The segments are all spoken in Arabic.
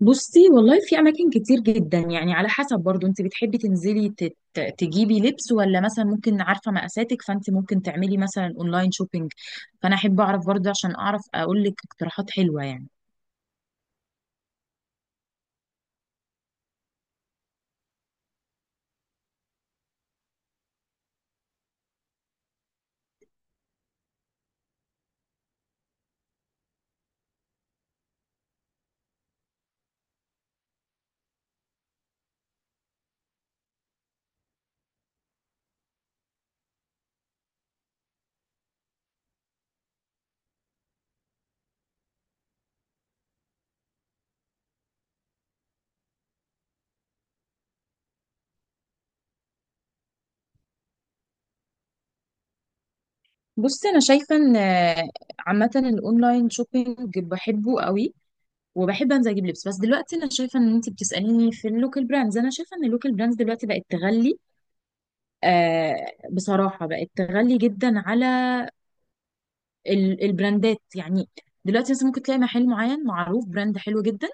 بصي، والله في اماكن كتير جدا. يعني على حسب برضو، انت بتحبي تنزلي تجيبي لبس، ولا مثلا ممكن؟ عارفه مقاساتك، فانت ممكن تعملي مثلا اونلاين شوبينج. فانا احب اعرف برضو عشان اعرف اقول لك اقتراحات حلوه يعني. بصي، انا شايفه ان عامه الاونلاين شوبينج بحبه قوي، وبحب انزل اجيب لبس. بس دلوقتي انا شايفه ان انت بتساليني في اللوكال براندز، انا شايفه ان اللوكال براندز دلوقتي بقت تغلي. آه، بصراحه بقت تغلي جدا على البراندات يعني. دلوقتي مثلا ممكن تلاقي محل معين معروف براند حلو جدا،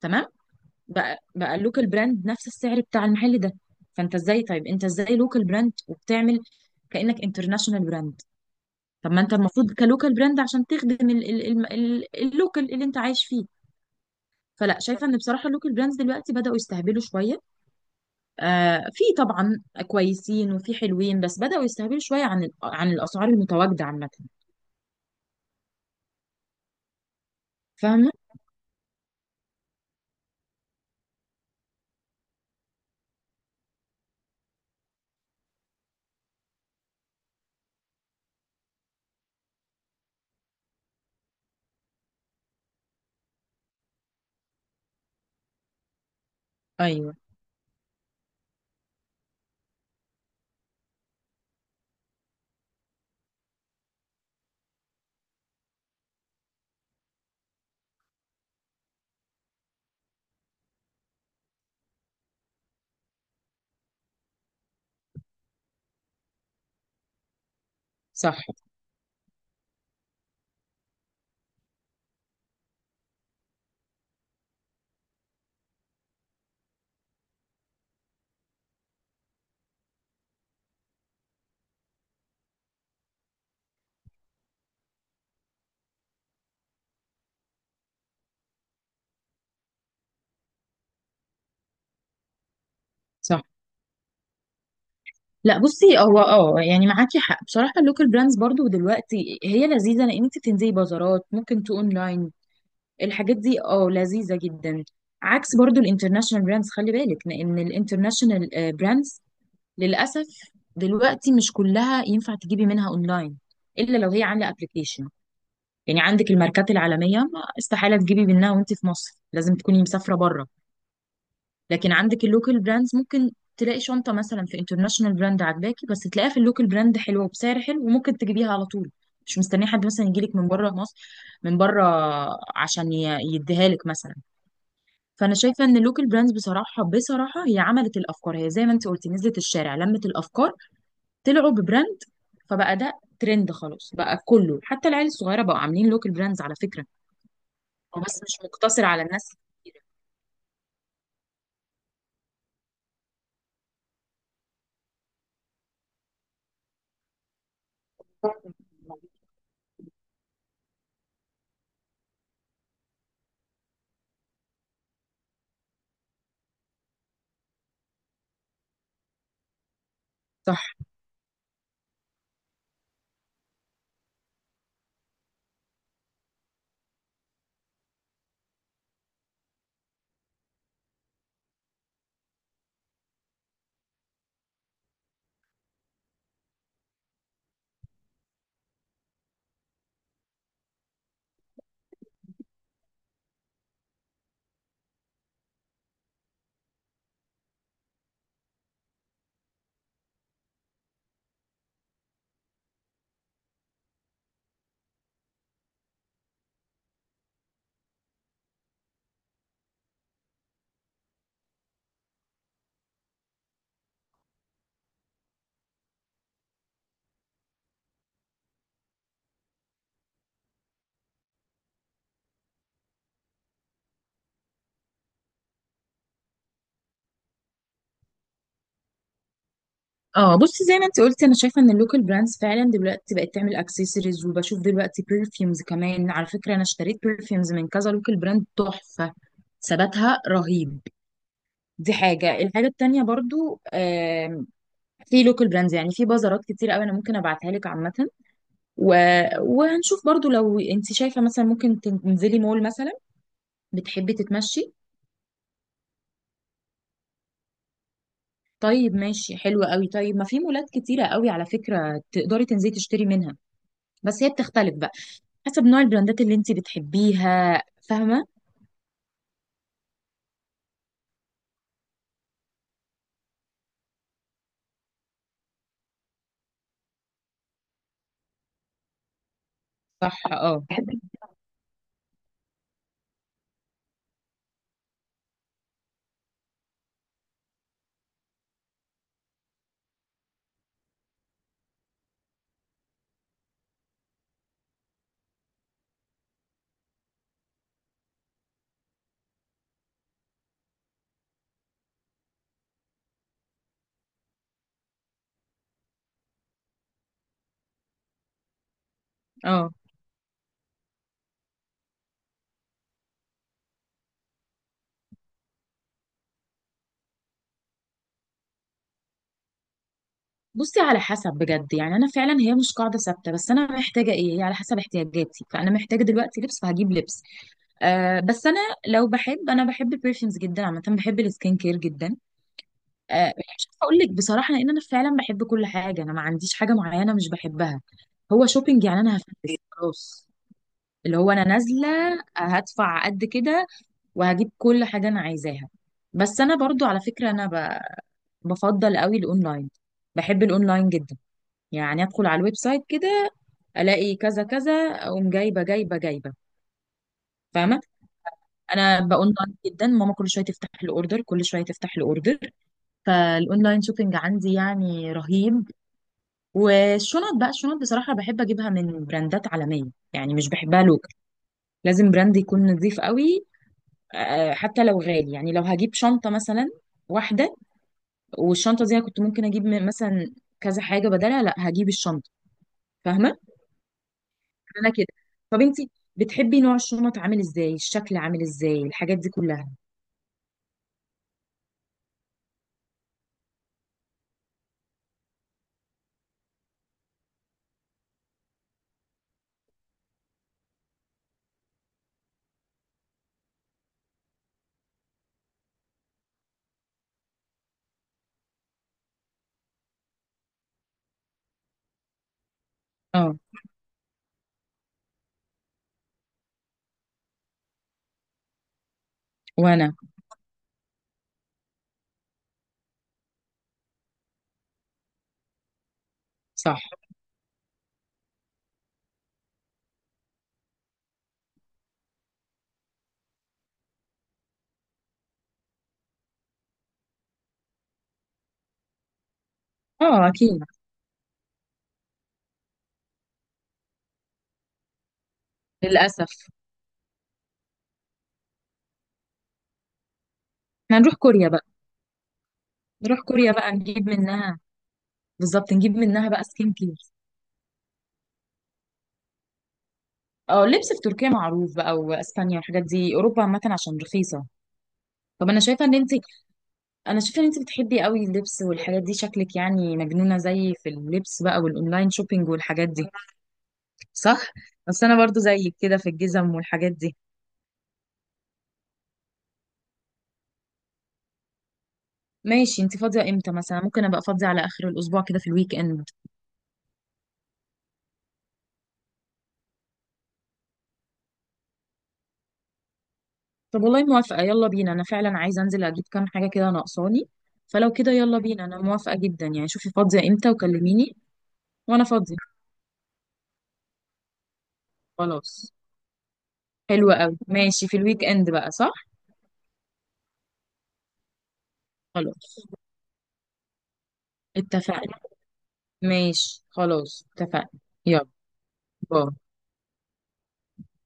تمام؟ بقى اللوكال براند نفس السعر بتاع المحل ده. فانت ازاي؟ طيب انت ازاي لوكال براند وبتعمل كأنك انترناشونال براند؟ طب ما انت المفروض كلوكال براند عشان تخدم اللوكال اللي انت عايش فيه. فلا، شايفه ان بصراحه اللوكال براندز دلوقتي بداوا يستهبلوا شويه. آه، في طبعا كويسين وفي حلوين، بس بداوا يستهبلوا شويه عن عن الاسعار المتواجده عامه. فاهمه. ايوه. صح. صح. لا، بصي، هو اه يعني معاكي حق. بصراحه اللوكال براندز برضو دلوقتي هي لذيذه، لان انت بتنزلي بازارات، ممكن تو اونلاين. الحاجات دي اه لذيذه جدا. عكس برضو الانترناشونال براندز، خلي بالك، لان الانترناشونال براندز للاسف دلوقتي مش كلها ينفع تجيبي منها اونلاين، الا لو هي عامله ابلكيشن. يعني عندك الماركات العالميه، ما استحاله تجيبي منها وانت في مصر، لازم تكوني مسافره بره. لكن عندك اللوكال براندز ممكن تلاقي شنطة مثلا في انترناشونال براند عاجباكي، بس تلاقيها في اللوكال براند حلوة وبسعر حلو، وممكن تجيبيها على طول، مش مستنيه حد مثلا يجيلك من بره مصر، من بره، عشان يديها لك مثلا. فانا شايفه ان اللوكال براندز، بصراحه، هي عملت الافكار. هي زي ما انت قلتي نزلت الشارع، لمت الافكار، طلعوا ببراند. فبقى ده ترند خلاص، بقى كله حتى العيال الصغيره بقوا عاملين لوكال براندز على فكره. هو بس مش مقتصر على الناس الكبيرة. صح. اه، بصي زي ما انت قلتي، انا شايفه ان اللوكال براندز فعلا دلوقتي بقت تعمل اكسسوارز، وبشوف دلوقتي برفيومز كمان على فكره. انا اشتريت برفيومز من كذا لوكال براند، تحفه، ثباتها رهيب. دي حاجه. الحاجه التانيه برضو في لوكال براندز، يعني في بازارات كتير قوي انا ممكن ابعتها لك عامه. و... وهنشوف برضو لو انت شايفه. مثلا ممكن تنزلي مول مثلا، بتحبي تتمشي؟ طيب ماشي، حلو قوي. طيب ما في مولات كتيره قوي على فكره، تقدري تنزلي تشتري منها. بس هي بتختلف بقى حسب نوع البراندات اللي انت بتحبيها، فاهمه؟ صح. اه. اه، بصي على حسب بجد، يعني انا فعلا هي مش قاعده ثابته. بس انا محتاجه ايه، هي على حسب احتياجاتي. فانا محتاجه دلوقتي لبس، فهجيب لبس. آه، بس انا لو بحب، انا بحب البرفيومز جدا عامه، بحب السكين كير جدا. آه، مش عارفه اقول لك بصراحه، لان انا فعلا بحب كل حاجه، انا ما عنديش حاجه معينه مش بحبها. هو شوبينج يعني، انا هفلس خلاص. اللي هو انا نازله، هدفع قد كده، وهجيب كل حاجة أنا عايزاها. بس أنا برضو على فكرة، أنا بفضل قوي الأونلاين، بحب الأونلاين جدا. يعني أدخل على الويب سايت كده، ألاقي كذا كذا، أقوم جايبة جايبة جايبة. فاهمة. أنا بأونلاين جدا، ماما كل شوية تفتح الأوردر، كل شوية تفتح الأوردر. فالأونلاين شوبينج عندي يعني رهيب. والشنط بقى، الشنط بصراحة بحب أجيبها من براندات عالمية، يعني مش بحبها لوكال. لازم براند يكون نظيف قوي، آه، حتى لو غالي. يعني لو هجيب شنطة مثلا واحدة، والشنطه دي انا كنت ممكن اجيب مثلا كذا حاجه بدلها، لا، هجيب الشنطه. فاهمه. انا كده. طب انت بتحبي نوع الشنط عامل ازاي، الشكل عامل ازاي، الحاجات دي كلها؟ اه. وانا. صح. اه، اكيد. للاسف. إحنا هنروح كوريا بقى. نروح كوريا بقى نجيب منها، بالظبط. نجيب منها بقى سكين كير. اه، اللبس في تركيا معروف بقى، واسبانيا والحاجات دي، اوروبا عامه عشان رخيصه. طب انا شايفه ان انت، انا شايفه ان انت بتحبي قوي اللبس والحاجات دي، شكلك يعني مجنونه زي في اللبس بقى، والاونلاين شوبينج والحاجات دي. صح. بس انا برضو زيك كده في الجزم والحاجات دي. ماشي، انت فاضيه امتى؟ مثلا ممكن ابقى فاضيه على اخر الاسبوع كده في الويك اند. طب والله موافقه، يلا بينا. انا فعلا عايزه انزل اجيب كام حاجه كده ناقصاني. فلو كده يلا بينا، انا موافقه جدا. يعني شوفي فاضيه امتى وكلميني. وانا فاضيه. خلاص، حلوه قوي. ماشي، في الويك اند بقى، صح؟ خلاص اتفقنا. ماشي خلاص اتفقنا. يلا، باي.